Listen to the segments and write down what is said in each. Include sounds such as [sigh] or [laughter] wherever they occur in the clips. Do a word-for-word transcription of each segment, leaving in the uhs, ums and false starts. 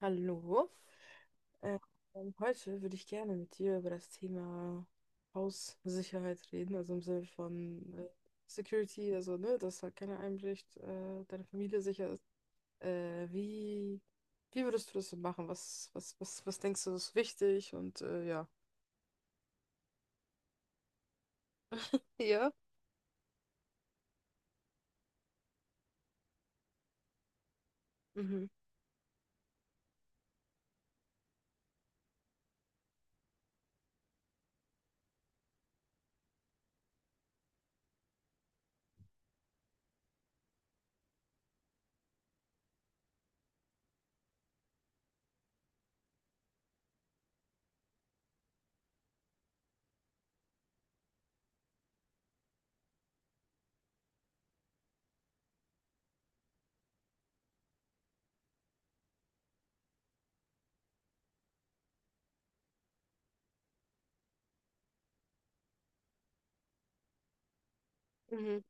Hallo. Ähm, Heute würde ich gerne mit dir über das Thema Haussicherheit reden, also im Sinne von äh, Security, also ne, dass halt keiner einbricht, äh, deine Familie sicher ist. Äh, wie, wie würdest du das so machen? Was, was, was, was denkst du, ist wichtig? Und äh, ja. Ja, mhm. Mhm.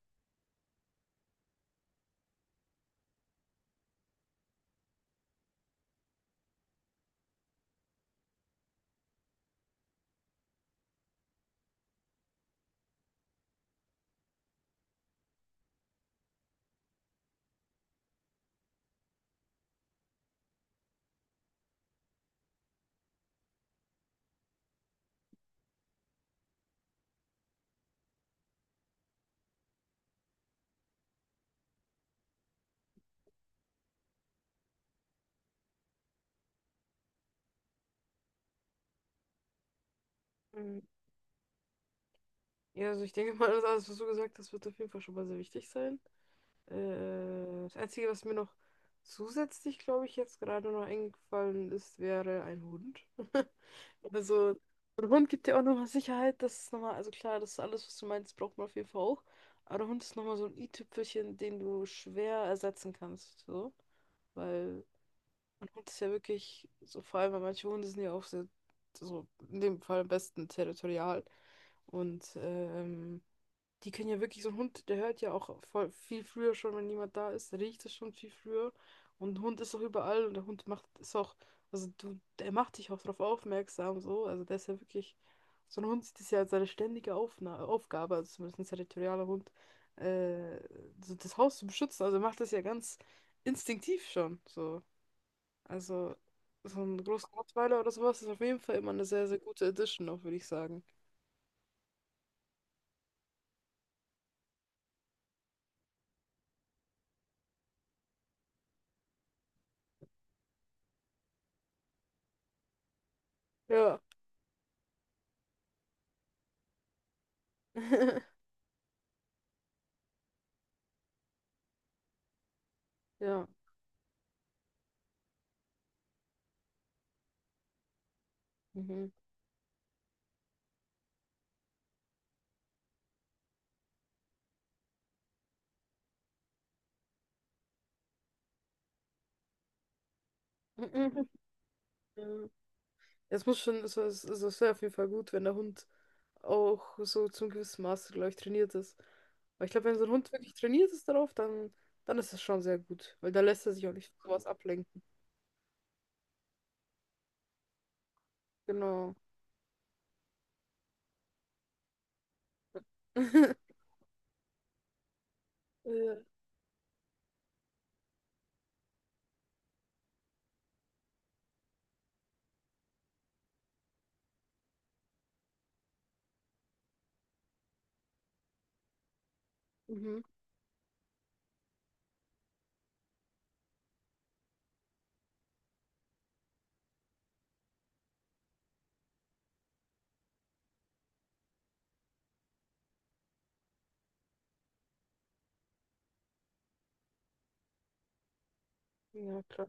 Mhm. Ja, also ich denke mal, das alles, was du gesagt hast, wird auf jeden Fall schon mal sehr wichtig sein. Äh, das Einzige, was mir noch zusätzlich, glaube ich, jetzt gerade noch eingefallen ist, wäre ein Hund. [laughs] Also, so ein Hund gibt dir auch nochmal Sicherheit. Das ist nochmal, also klar, das ist alles, was du meinst, braucht man auf jeden Fall auch. Aber der Hund ist nochmal so ein i-Tüpfelchen, den du schwer ersetzen kannst. So. Weil ein Hund ist ja wirklich, so vor allem, weil manche Hunde sind ja auch sehr, so in dem Fall am besten territorial. Und ähm, die können ja wirklich, so ein Hund, der hört ja auch voll, viel früher schon, wenn niemand da ist, der riecht es schon viel früher. Und ein Hund ist auch überall und der Hund macht es auch, also du, der macht dich auch darauf aufmerksam, so. Also der ist ja wirklich, so ein Hund sieht es ja als seine ständige Aufna Aufgabe, also zumindest ein territorialer Hund, äh, so das Haus zu beschützen. Also er macht das ja ganz instinktiv schon, so. Also so ein großer Rottweiler oder sowas ist auf jeden Fall immer eine sehr, sehr gute Edition, auch würde ich sagen. Ja. [laughs] Ja. Mhm. [laughs] Ja. Es muss schon, also es, also es wäre auf jeden Fall gut, wenn der Hund auch so zum gewissen Maße, glaube ich, trainiert ist. Weil ich glaube, wenn so ein Hund wirklich trainiert ist darauf, dann, dann ist das schon sehr gut. Weil da lässt er sich auch nicht von sowas ablenken. Genau. [laughs] Ja, mhm. Ja, klar.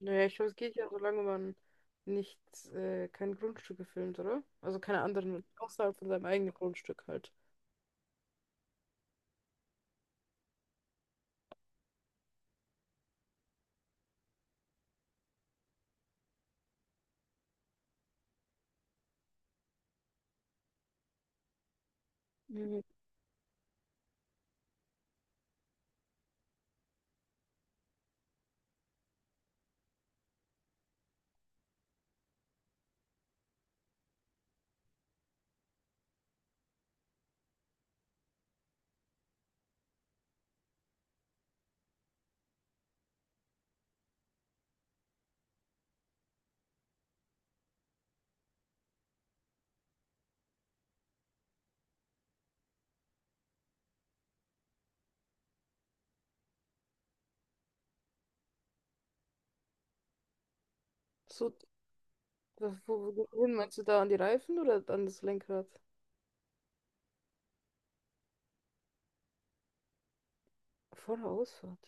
Naja, ich glaube, es geht ja, solange man nicht äh, kein Grundstück gefilmt, oder? Also keine anderen, außerhalb von seinem eigenen Grundstück halt. Mhm. So, wo, wo, wohin meinst du da, an die Reifen oder an das Lenkrad? Vor der Ausfahrt.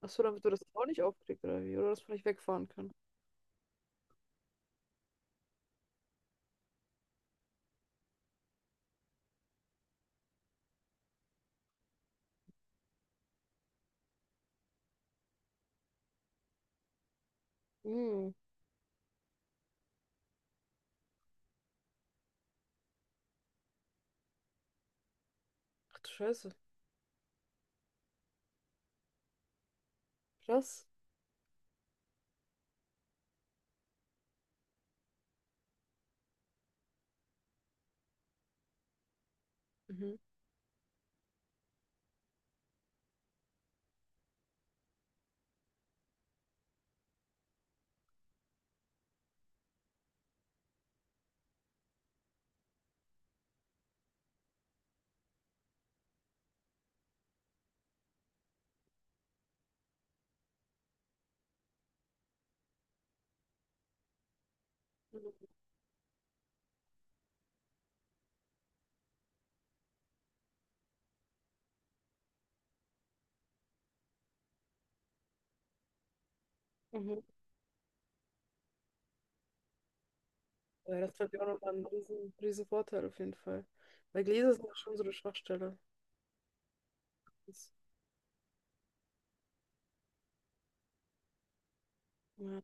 Achso, damit du das auch nicht aufkriegst, oder wie? Oder das vielleicht wegfahren kann. Hm. Ach du Scheiße. Krass. Mhm. Mhm. Mhm. Ja, das ist ja auch nochmal ein riesen, riesen Vorteil auf jeden Fall. Weil Gläser sind ja schon so eine Schwachstelle. Das, ja,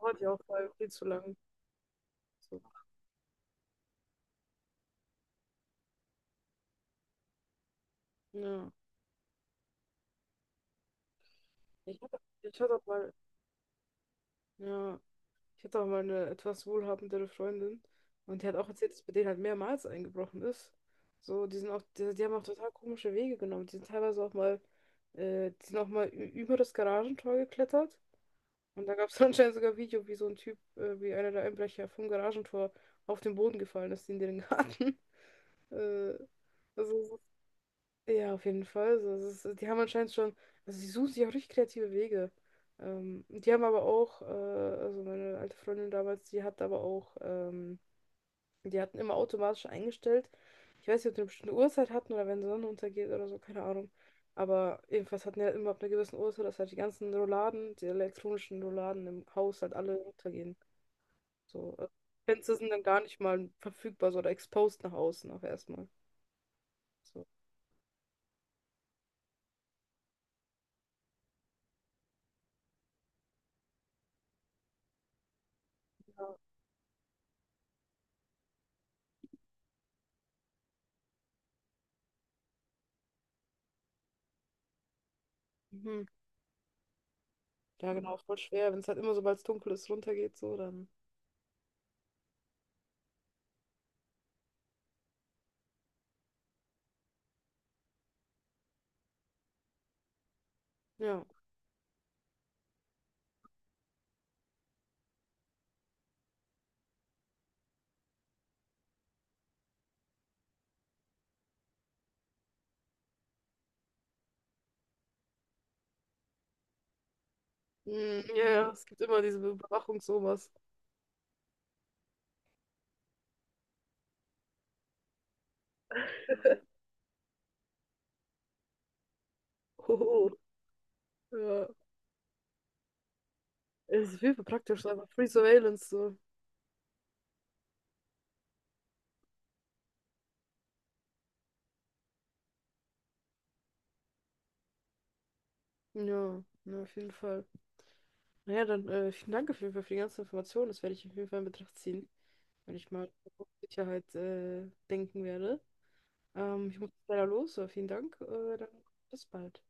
dauert ja auch mal viel zu lang. So. Ja. Ich hatte, ich hatte auch mal, ja, ich hatte auch mal eine etwas wohlhabendere Freundin und die hat auch erzählt, dass bei denen halt mehrmals eingebrochen ist. So, die sind auch, die, die haben auch total komische Wege genommen. Die sind teilweise auch mal, äh, die sind auch mal ü- über das Garagentor geklettert. Und da gab es [laughs] anscheinend sogar ein Video, wie so ein Typ, äh, wie einer der Einbrecher vom Garagentor auf den Boden gefallen ist in den Garten. [laughs] Äh, also so ja, auf jeden Fall. Also, es ist, die haben anscheinend schon, also sie suchen sich auch richtig kreative Wege. Ähm, die haben aber auch, äh, also meine alte Freundin damals, die hat aber auch, ähm, die hatten immer automatisch eingestellt. Ich weiß nicht, ob die eine bestimmte Uhrzeit hatten oder wenn die Sonne untergeht oder so, keine Ahnung. Aber jedenfalls hatten die halt immer ab einer gewissen Uhrzeit, dass halt die ganzen Rouladen, die elektronischen Rouladen im Haus halt alle runtergehen. So, äh, Fenster sind dann gar nicht mal verfügbar so, oder exposed nach außen auch erstmal. So. Ja. Mhm. Ja, genau, voll schwer, wenn es halt immer, sobald es dunkel ist, runtergeht, so, dann. Ja. Mm, ja, ja, es gibt immer diese Überwachung, sowas. [laughs] Hoho. Ja. Es ist viel praktisch, einfach Free Surveillance, so. Ja, ja, auf jeden Fall. Naja, dann äh, vielen Dank auf jeden Fall für die ganzen Informationen. Das werde ich auf jeden Fall in Betracht ziehen, wenn ich mal auf Sicherheit äh, denken werde. Ähm, ich muss leider los, aber vielen Dank. Äh, dann bis bald.